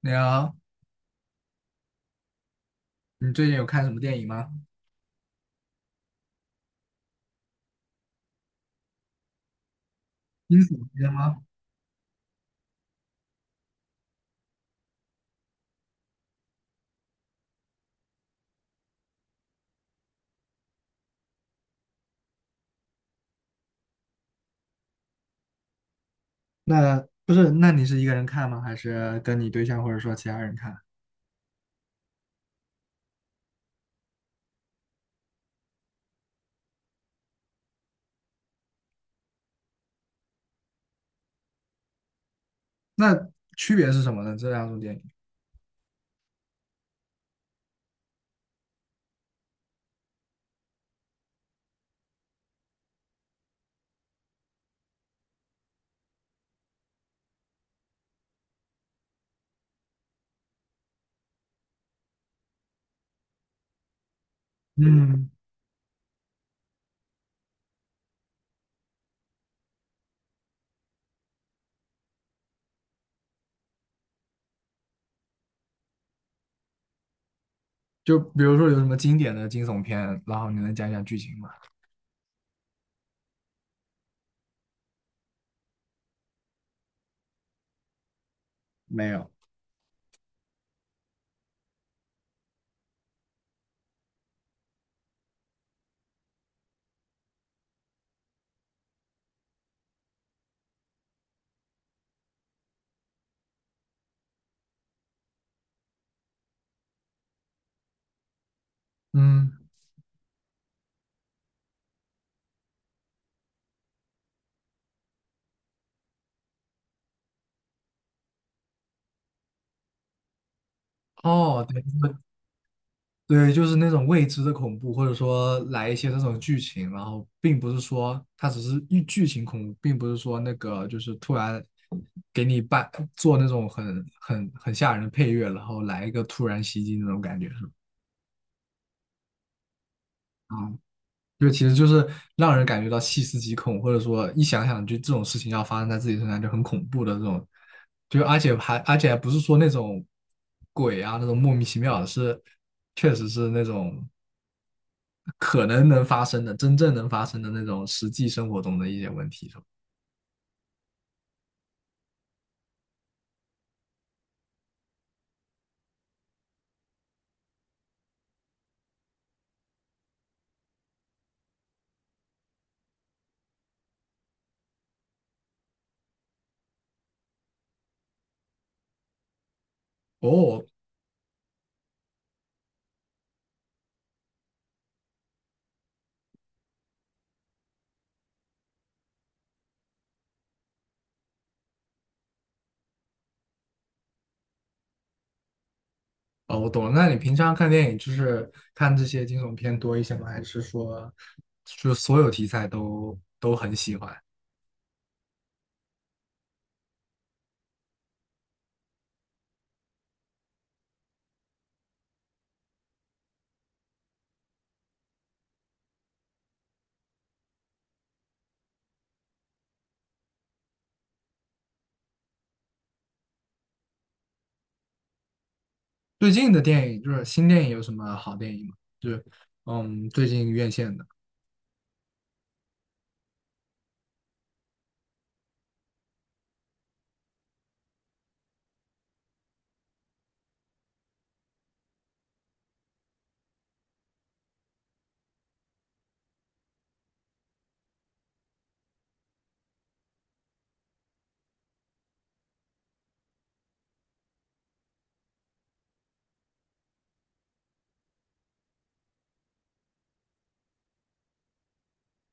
你好，你最近有看什么电影吗？惊悚片吗？那不是，那你是一个人看吗？还是跟你对象或者说其他人看？那区别是什么呢？这两种电影？嗯，就比如说有什么经典的惊悚片，然后你能讲讲剧情吗？没有。嗯，哦，对。对，就是那种未知的恐怖，或者说来一些这种剧情，然后并不是说它只是一剧情恐怖，并不是说那个就是突然给你做那种很吓人的配乐，然后来一个突然袭击那种感觉，是吧？就其实就是让人感觉到细思极恐，或者说一想想就这种事情要发生在自己身上就很恐怖的这种，就而且还不是说那种鬼啊那种莫名其妙的，是确实是那种。可能能发生的、真正能发生的那种实际生活中的一些问题，哦，哦，我懂了。那你平常看电影就是看这些惊悚片多一些吗？还是说，就所有题材都很喜欢？最近的电影就是新电影有什么好电影吗？就是最近院线的。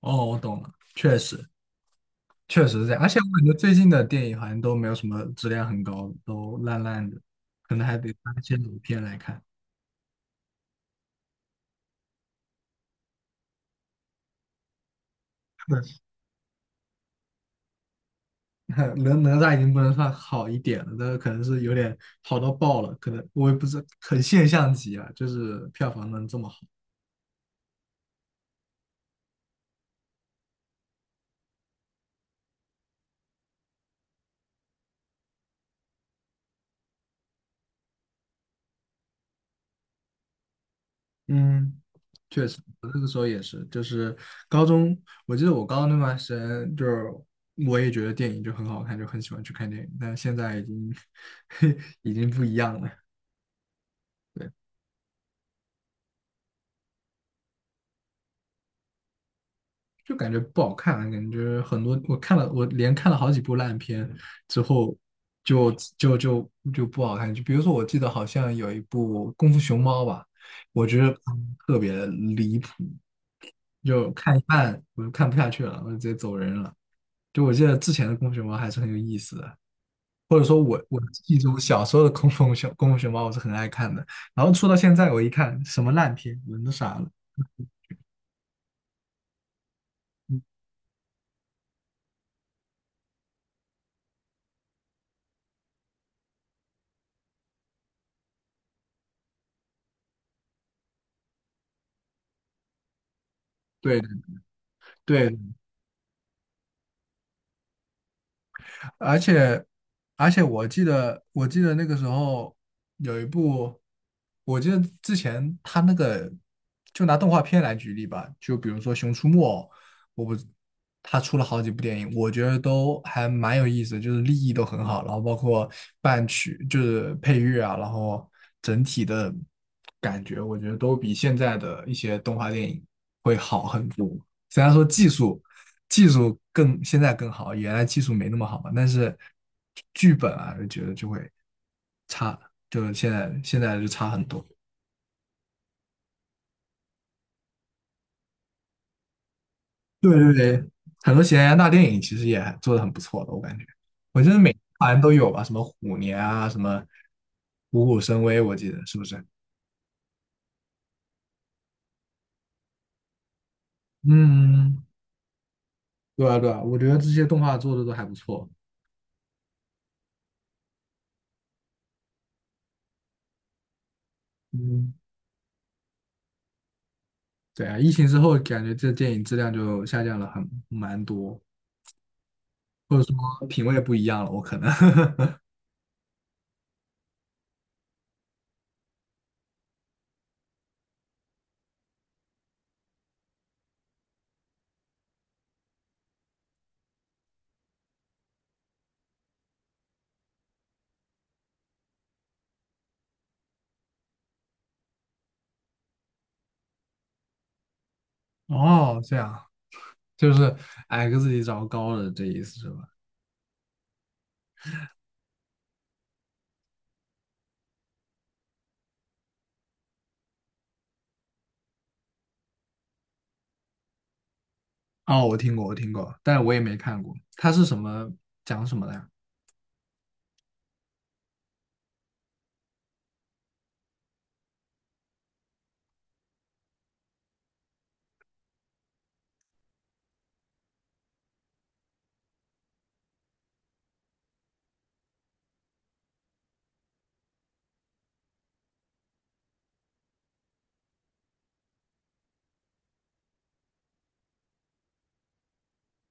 哦，我懂了，确实是这样。而且我感觉最近的电影好像都没有什么质量很高，都烂烂的，可能还得翻一些老片来看。哪吒已经不能算好一点了，但是可能是有点好到爆了，可能我也不是很现象级啊，就是票房能这么好。嗯确实，我那个时候也是，就是高中，我记得我高中那段时间，就是我也觉得电影就很好看，就很喜欢去看电影，但是现在已经 已经不一样了。对。就感觉不好看，感觉很多我看了，我连看了好几部烂片之后就，就就就不好看。就比如说，我记得好像有一部《功夫熊猫》吧，我觉得特别离谱，就看一半我就看不下去了，我就直接走人了。就我记得之前的《功夫熊猫》还是很有意思的，或者说我记住小时候的《功夫熊猫》我是很爱看的，然后出到现在我一看什么烂片，人都傻了。对对，而且而且我记得那个时候有一部，我记得之前他那个就拿动画片来举例吧，就比如说《熊出没》，我不，他出了好几部电影，我觉得都还蛮有意思，就是立意都很好，然后包括伴曲就是配乐啊，然后整体的感觉，我觉得都比现在的一些动画电影会好很多。虽然说技术更现在更好，原来技术没那么好嘛，但是剧本啊，就觉得就会就现在现在就差很多。对对对，很多喜羊羊大电影其实也做的很不错的，我感觉，我觉得每好像都有吧，什么虎年啊，什么虎虎生威，我记得是不是？嗯，对啊对啊，我觉得这些动画做的都还不错。嗯，对啊，疫情之后感觉这电影质量就下降了很蛮多，或者说品味不一样了，我可能。哦，这样就是矮个子里找高的，这意思是吧？哦，我听过，我听过，但是我也没看过。它是什么讲什么的呀？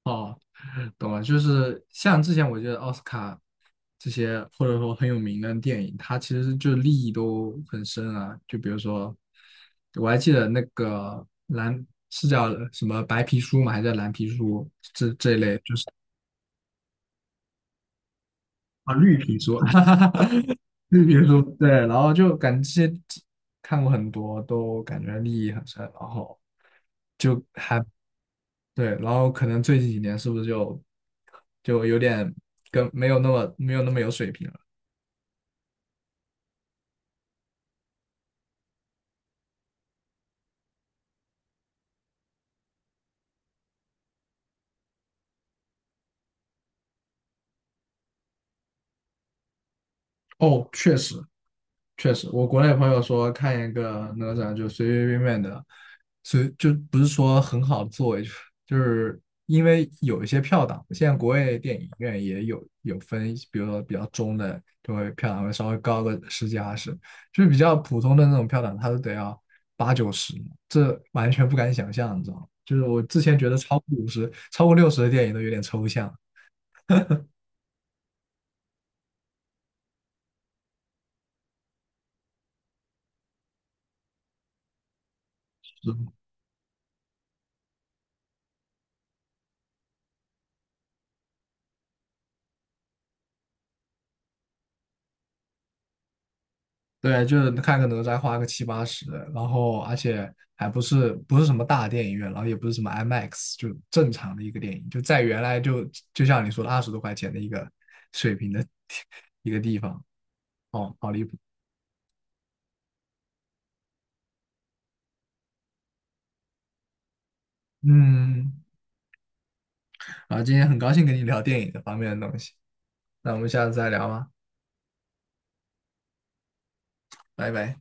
哦，懂了，就是像之前我觉得奥斯卡这些或者说很有名的电影，它其实就利益都很深啊。就比如说，我还记得那个蓝是叫什么白皮书嘛，还是叫蓝皮书这一类，就是啊绿皮书，比如说，对，然后就感觉这些看过很多，都感觉利益很深，然后就还对，然后可能最近几年是不是就有点跟没有那么有水平了？哦，确实，确实，我国内朋友说看一个哪吒就随随便便的，就不是说很好的作为，就是因为有一些票档，现在国外电影院也有分，比如说比较中的就会票档会稍微高个十几二十，就是比较普通的那种票档，它都得要八九十，这完全不敢想象，你知道吗？就是我之前觉得超过50、超过60的电影都有点抽象。对，就是看个哪吒花个七八十，然后而且还不是什么大电影院，然后也不是什么 IMAX，就正常的一个电影，就在原来就像你说的20多块钱的一个水平的 一个地方，哦，好离谱。嗯，然后今天很高兴跟你聊电影这方面的东西，那我们下次再聊吧，拜拜。